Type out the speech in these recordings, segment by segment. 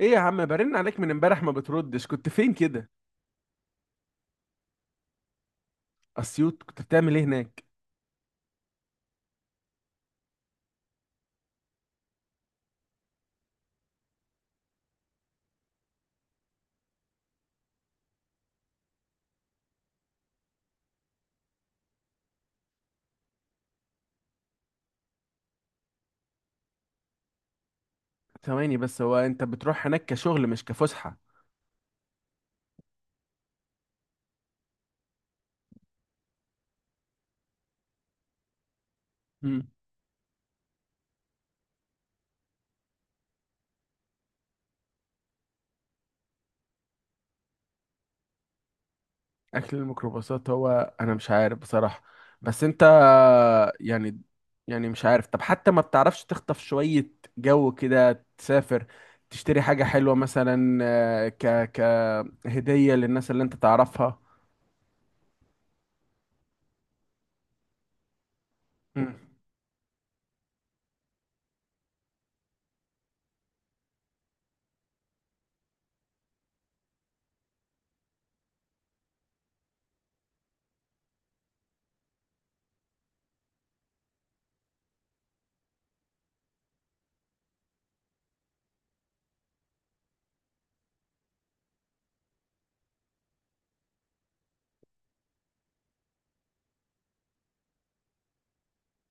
ايه يا عم؟ برن عليك من امبارح ما بتردش، كنت فين كده؟ اسيوط؟ كنت بتعمل ايه هناك؟ ثواني بس، هو انت بتروح هناك كشغل مش كفسحة؟ امم اكل الميكروباصات؟ هو انا مش عارف بصراحة. بس انت يعني يعني مش عارف. طب حتى ما بتعرفش تخطف شوية جو كده، تسافر، تشتري حاجة حلوة مثلا، كهدية للناس اللي انت تعرفها؟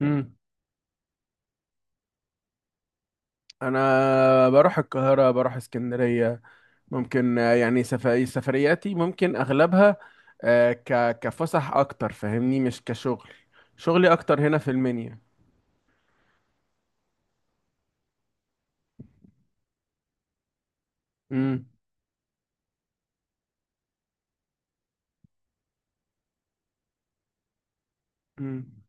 امم انا بروح القاهره، بروح اسكندريه. ممكن يعني سفرياتي ممكن اغلبها كفسح اكتر، فاهمني؟ مش كشغل. شغلي اكتر هنا في المنيا. امم امم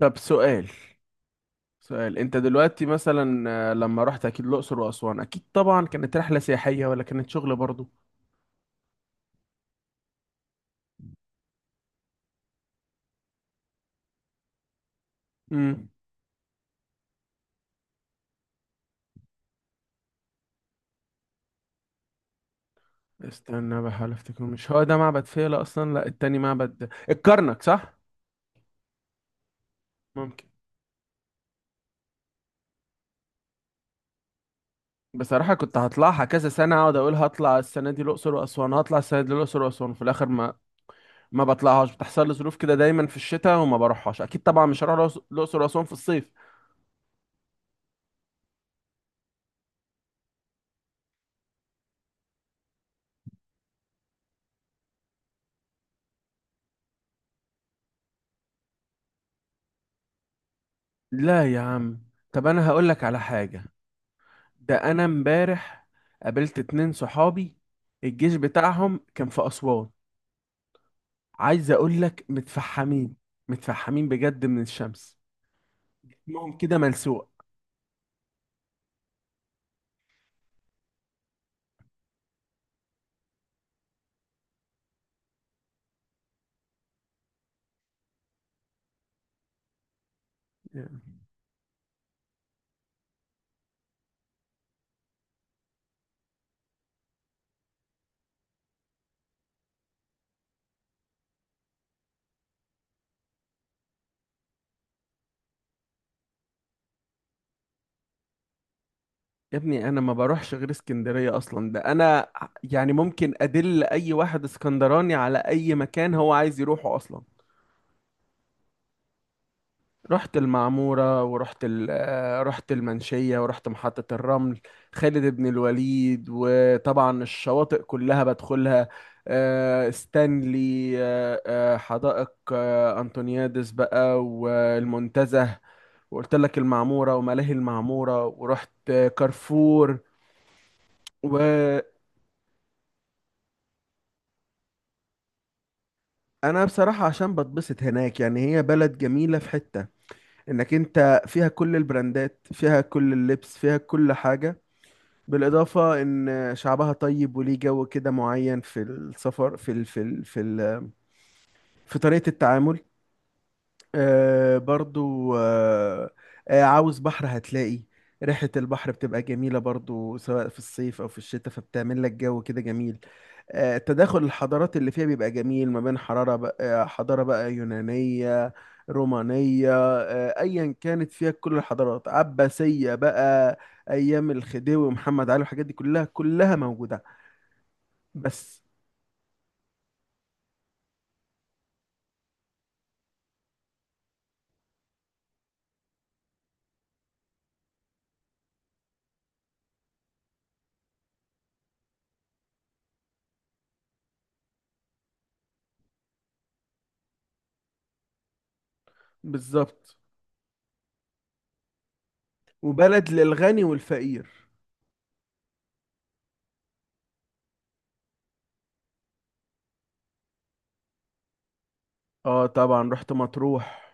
طب سؤال، انت دلوقتي مثلا لما رحت اكيد الاقصر واسوان، اكيد طبعا كانت رحله سياحيه ولا كانت شغل برضو؟ امم استنى بحاول افتكر، مش هو ده معبد فيلة اصلا؟ لا، التاني معبد الكرنك صح. ممكن. بصراحة كنت هطلعها كذا سنة، اقعد اقول هطلع السنة دي الأقصر وأسوان، هطلع السنة دي الأقصر وأسوان، في الآخر ما ما بطلعهاش. بتحصل لي ظروف كده دايما في الشتاء وما بروحهاش، أكيد طبعا مش هروح الأقصر وأسوان في الصيف. لا يا عم. طب أنا هقول لك على حاجة، ده أنا امبارح قابلت اتنين صحابي، الجيش بتاعهم كان في أسوان. عايز أقول لك متفحمين، متفحمين بجد من الشمس، جسمهم كده ملسوع. يا ابني انا ما بروحش غير اسكندريه اصلا، ده انا يعني ممكن ادل اي واحد اسكندراني على اي مكان هو عايز يروحه اصلا. رحت المعموره ورحت رحت المنشيه ورحت محطه الرمل، خالد بن الوليد، وطبعا الشواطئ كلها بدخلها. ستانلي، حدائق انطونيادس بقى، والمنتزه، وقلت لك المعموره وملاهي المعموره، ورحت كارفور. و انا بصراحة عشان بتبسط هناك، يعني هي بلد جميلة، في حتة انك انت فيها كل البراندات، فيها كل اللبس، فيها كل حاجة، بالاضافة ان شعبها طيب وليه جو كده معين في السفر، في ال في طريقة التعامل. آه برضو آه آه عاوز بحر؟ هتلاقي ريحة البحر بتبقى جميلة برضو سواء في الصيف أو في الشتاء، فبتعمل لك جو كده جميل. آه تداخل الحضارات اللي فيها بيبقى جميل، ما بين حرارة بقى، حضارة بقى يونانية، رومانية، آه أيا كانت، فيها كل الحضارات، عباسية بقى، أيام الخديوي ومحمد علي والحاجات دي كلها، كلها موجودة. بس. بالظبط. وبلد للغني والفقير. اه طبعا، رحت مطروح.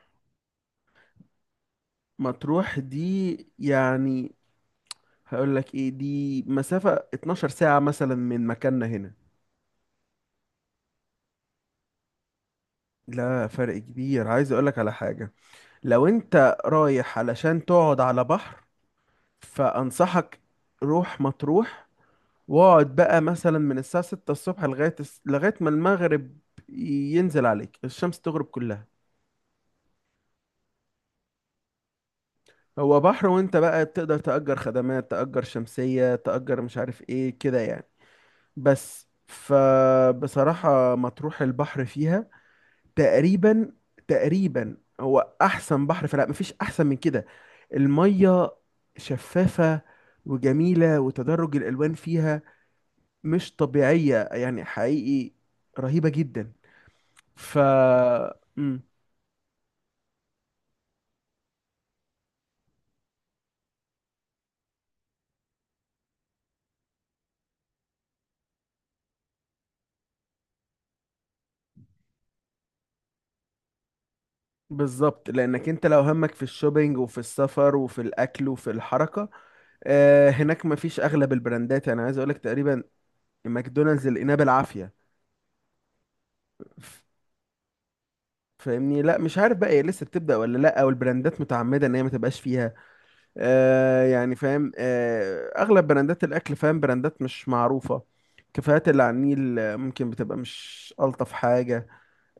مطروح دي يعني هقول لك ايه، دي مسافة 12 ساعة مثلا من مكاننا هنا. لا، فرق كبير، عايز اقول لك على حاجة، لو انت رايح علشان تقعد على بحر فانصحك روح مطروح، واقعد بقى مثلا من الساعة 6 الصبح لغاية لغاية ما المغرب ينزل عليك، الشمس تغرب كلها. هو بحر، وانت بقى بتقدر تأجر خدمات، تأجر شمسية، تأجر مش عارف ايه كده يعني. بس فبصراحة مطروح البحر فيها تقريبا، تقريبا هو أحسن بحر، فلا مفيش أحسن من كده. المية شفافة وجميلة، وتدرج الألوان فيها مش طبيعية يعني حقيقي، رهيبة جدا. ف مم. بالظبط، لأنك أنت لو همك في الشوبينج وفي السفر وفي الأكل وفي الحركة، هناك مفيش أغلب البراندات، أنا عايز أقولك تقريبا ماكدونالدز اللي لقيناه بالعافية. فاهمني؟ لا مش عارف بقى هي لسه بتبدأ ولا لا، او البراندات متعمدة ان هي ما تبقاش فيها. آه يعني فاهم، آه، اغلب براندات الاكل فاهم، براندات مش معروفة. كافيهات اللي على النيل ممكن بتبقى مش ألطف حاجة.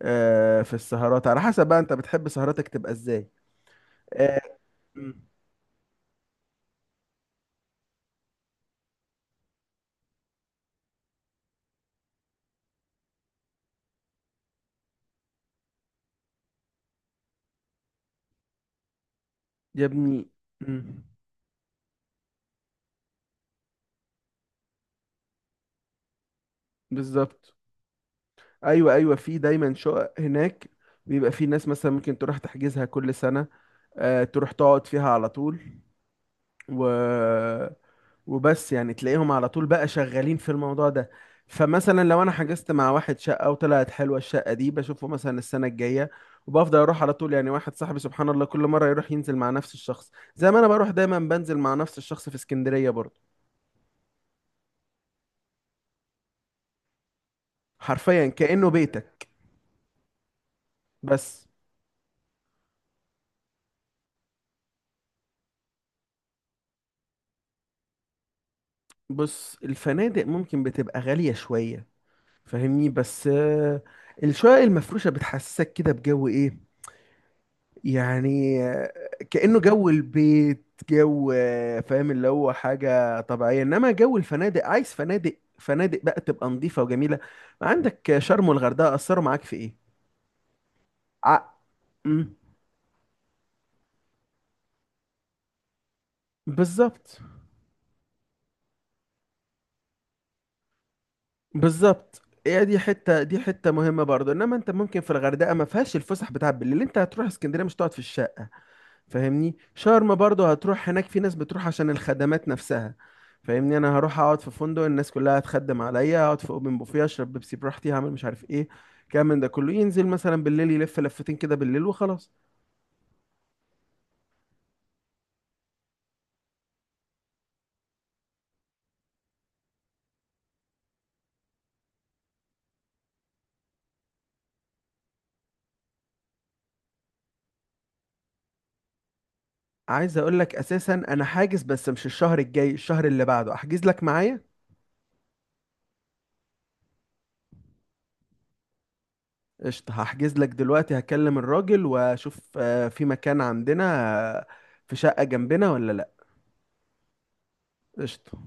آه في السهرات على حسب بقى، انت بتحب سهراتك تبقى ازاي؟ آه مم، يا ابني مم، بالظبط. ايوه ايوه، في دايما شقق هناك، بيبقى في ناس مثلا ممكن تروح تحجزها كل سنة، تروح تقعد فيها على طول، و وبس يعني تلاقيهم على طول بقى شغالين في الموضوع ده. فمثلا لو انا حجزت مع واحد شقة وطلعت حلوة الشقة دي، بشوفه مثلا السنة الجاية وبفضل اروح على طول. يعني واحد صاحبي سبحان الله كل مرة يروح ينزل مع نفس الشخص، زي ما انا بروح دايما بنزل مع نفس الشخص في اسكندرية برضه. حرفيا كأنه بيتك. بس بص الفنادق ممكن بتبقى غالية شوية، فاهمني؟ بس الشقق المفروشة بتحسسك كده بجو ايه يعني، كأنه جو البيت، جو فاهم اللي هو حاجة طبيعية، انما جو الفنادق، عايز فنادق، فنادق بقى تبقى نظيفة وجميلة. عندك شرم والغردقة أثروا معاك في ايه؟ ع... مم. بالظبط، بالظبط هي دي حتة، دي حتة مهمة برضو، انما انت ممكن في الغردقة ما فيهاش الفسح بتاع بالليل، انت هتروح اسكندرية مش تقعد في الشارع، فاهمني؟ شرم برضه هتروح هناك، في ناس بتروح عشان الخدمات نفسها. فاهمني؟ انا هروح اقعد في فندق، الناس كلها هتخدم عليا، اقعد في اوبن بوفيه اشرب بيبسي براحتي، هعمل مش عارف ايه. كام من ده كله ينزل مثلا بالليل يلف لفتين كده بالليل وخلاص. عايز اقول لك اساسا انا حاجز، بس مش الشهر الجاي، الشهر اللي بعده احجز لك معايا. قشطة، هحجز لك دلوقتي، هكلم الراجل واشوف في مكان عندنا، آه، في شقة جنبنا ولا لا. قشطة.